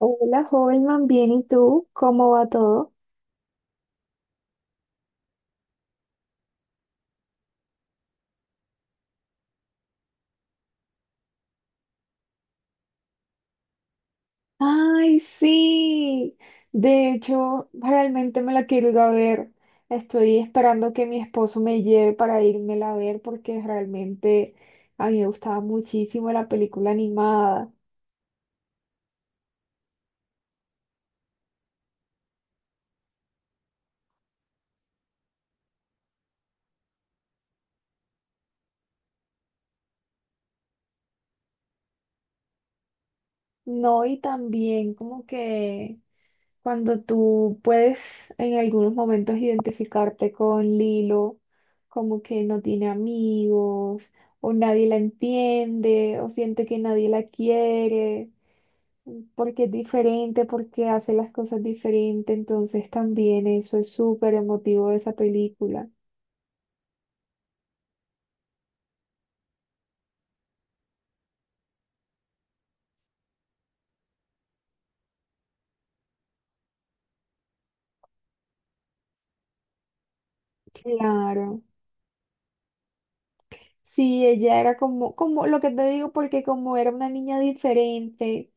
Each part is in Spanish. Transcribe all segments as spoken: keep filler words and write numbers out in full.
Hola, joven man, bien, ¿y tú? ¿Cómo va todo? Ay, sí. De hecho, realmente me la quiero ir a ver. Estoy esperando que mi esposo me lleve para írmela a ver porque realmente a mí me gustaba muchísimo la película animada. No, y también como que Cuando tú puedes en algunos momentos identificarte con Lilo, como que no tiene amigos, o nadie la entiende, o siente que nadie la quiere, porque es diferente, porque hace las cosas diferente, entonces también eso es súper emotivo de esa película. Claro. Sí, ella era como, como lo que te digo, porque como era una niña diferente,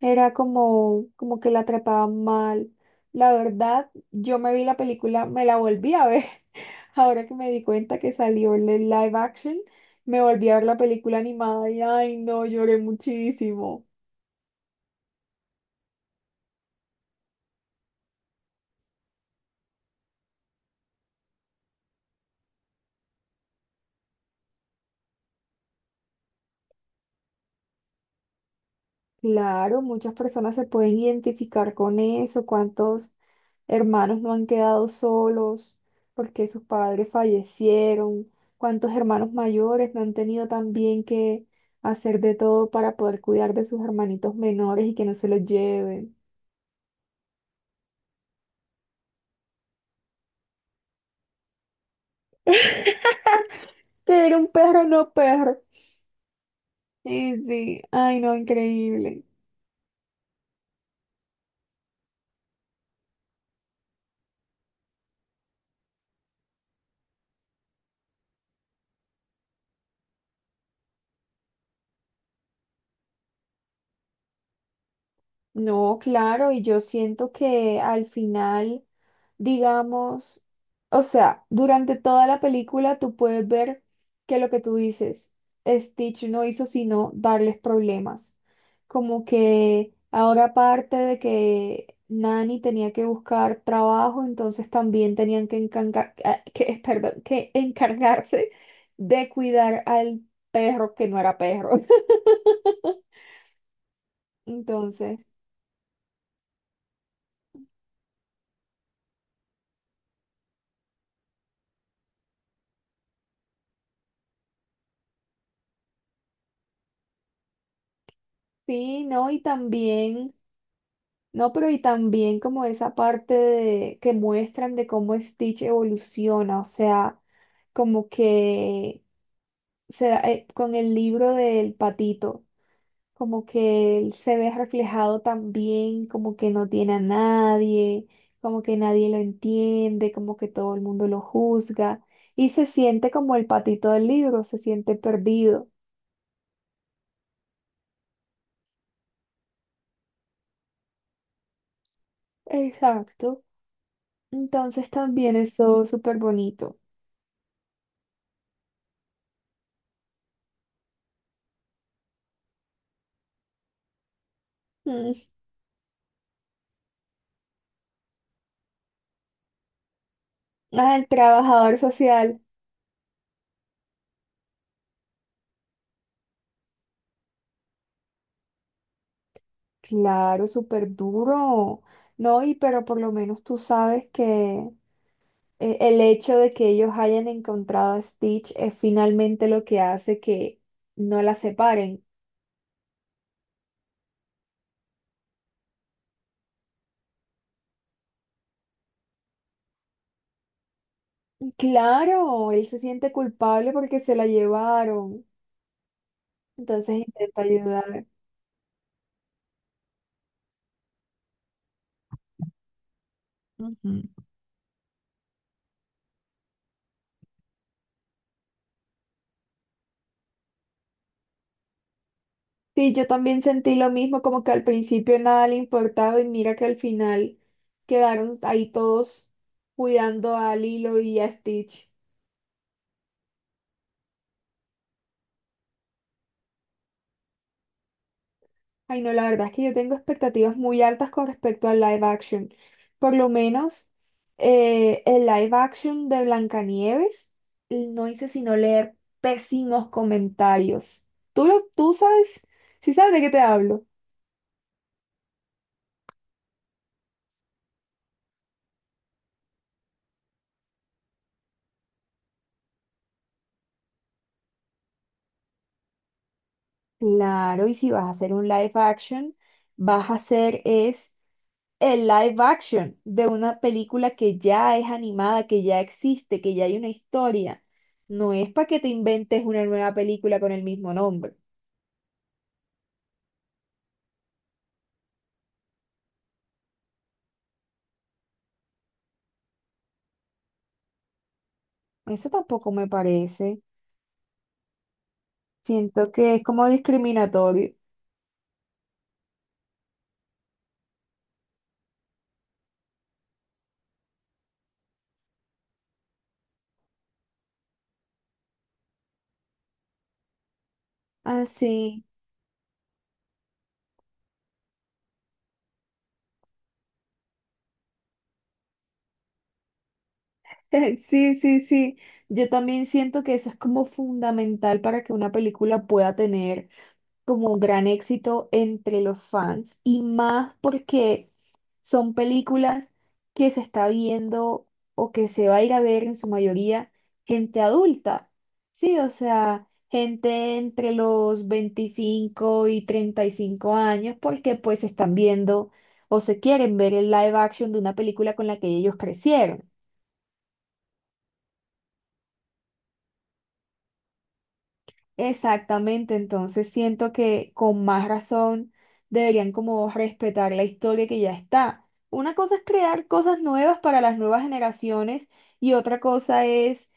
era como, como que la trataban mal. La verdad, yo me vi la película, me la volví a ver. Ahora que me di cuenta que salió el live action, me volví a ver la película animada y ay, no, lloré muchísimo. Claro, muchas personas se pueden identificar con eso, cuántos hermanos no han quedado solos porque sus padres fallecieron, cuántos hermanos mayores no han tenido también que hacer de todo para poder cuidar de sus hermanitos menores y que no se los lleven. Que era un perro, no perro. Sí, sí, ay no, increíble. No, claro, y yo siento que al final, digamos, o sea, durante toda la película tú puedes ver que lo que tú dices, Stitch no hizo sino darles problemas. Como que ahora aparte de que Nani tenía que buscar trabajo, entonces también tenían que, encargar- ah, que, perdón, que encargarse de cuidar al perro que no era perro. Entonces... Sí, no, y también, no, pero y también como esa parte de, que muestran de cómo Stitch evoluciona, o sea, como que se, da- eh, con el libro del patito, como que él se ve reflejado también, como que no tiene a nadie, como que nadie lo entiende, como que todo el mundo lo juzga, y se siente como el patito del libro, se siente perdido. Exacto. Entonces también eso es súper bonito. Al trabajador social, claro, súper duro, ¿no? Y pero por lo menos tú sabes que eh, el hecho de que ellos hayan encontrado a Stitch es finalmente lo que hace que no la separen. Claro, él se siente culpable porque se la llevaron, entonces intenta ayudar. Ujú. Sí, yo también sentí lo mismo, como que al principio nada le importaba y mira que al final quedaron ahí todos cuidando a Lilo y a Stitch. Ay, no, la verdad es que yo tengo expectativas muy altas con respecto al live action. Por lo menos eh, el live action de Blancanieves no hice sino leer pésimos comentarios. ¿Tú, lo- Tú sabes? ¿Sí sabes de qué te hablo? Claro, y si vas a hacer un live action, vas a hacer es el live action de una película que ya es animada, que ya existe, que ya hay una historia. No es para que te inventes una nueva película con el mismo nombre. Eso tampoco me parece. Siento que es como discriminatorio. Ah, sí. Sí, sí, sí. Yo también siento que eso es como fundamental para que una película pueda tener como un gran éxito entre los fans y más porque son películas que se está viendo o que se va a ir a ver en su mayoría gente adulta. Sí, o sea, gente entre los veinticinco y treinta y cinco años porque pues están viendo o se quieren ver el live action de una película con la que ellos crecieron. Exactamente, entonces siento que con más razón deberían como respetar la historia que ya está. Una cosa es crear cosas nuevas para las nuevas generaciones y otra cosa es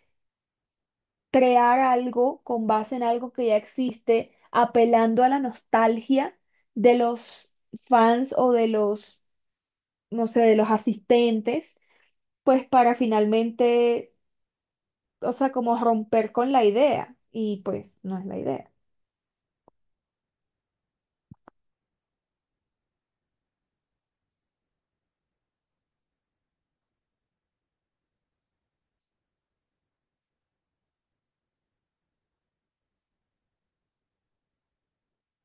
crear algo con base en algo que ya existe, apelando a la nostalgia de los fans o de los, no sé, de los asistentes, pues para finalmente, o sea, como romper con la idea y pues no es la idea.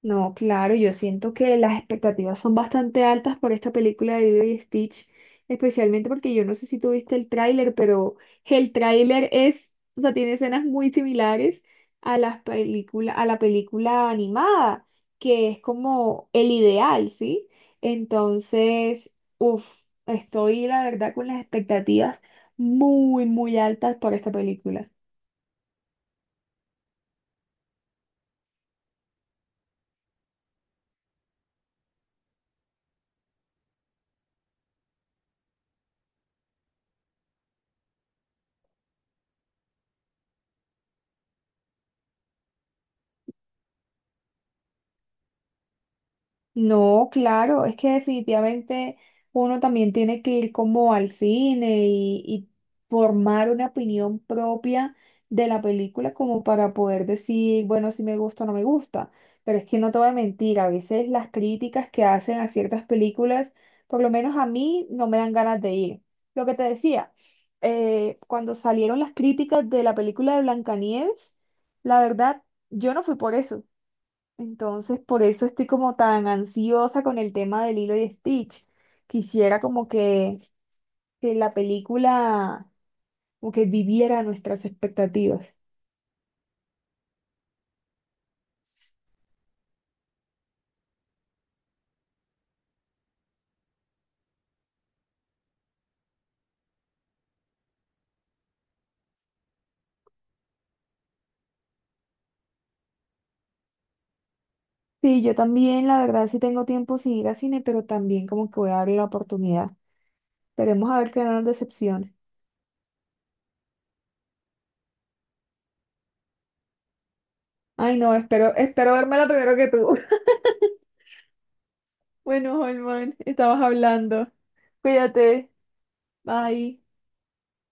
No, claro, yo siento que las expectativas son bastante altas por esta película de Lilo y Stitch, especialmente porque yo no sé si tú viste el tráiler, pero el tráiler es, o sea, tiene escenas muy similares a las película, a la película animada, que es como el ideal, ¿sí? Entonces, uff, estoy la verdad con las expectativas muy, muy altas por esta película. No, claro, es que definitivamente uno también tiene que ir como al cine y, y formar una opinión propia de la película como para poder decir, bueno, si me gusta o no me gusta. Pero es que no te voy a mentir, a veces las críticas que hacen a ciertas películas, por lo menos a mí, no me dan ganas de ir. Lo que te decía, eh, cuando salieron las críticas de la película de Blancanieves, la verdad, yo no fui por eso, entonces, por eso estoy como tan ansiosa con el tema de Lilo y Stitch. Quisiera como que, que la película como que viviera nuestras expectativas. Sí, yo también, la verdad, sí tengo tiempo sin ir al cine, pero también como que voy a darle la oportunidad. Esperemos a ver que no nos decepcione. Ay, no, espero, espero la primero que tú. Bueno, Holman, estabas hablando. Cuídate. Bye.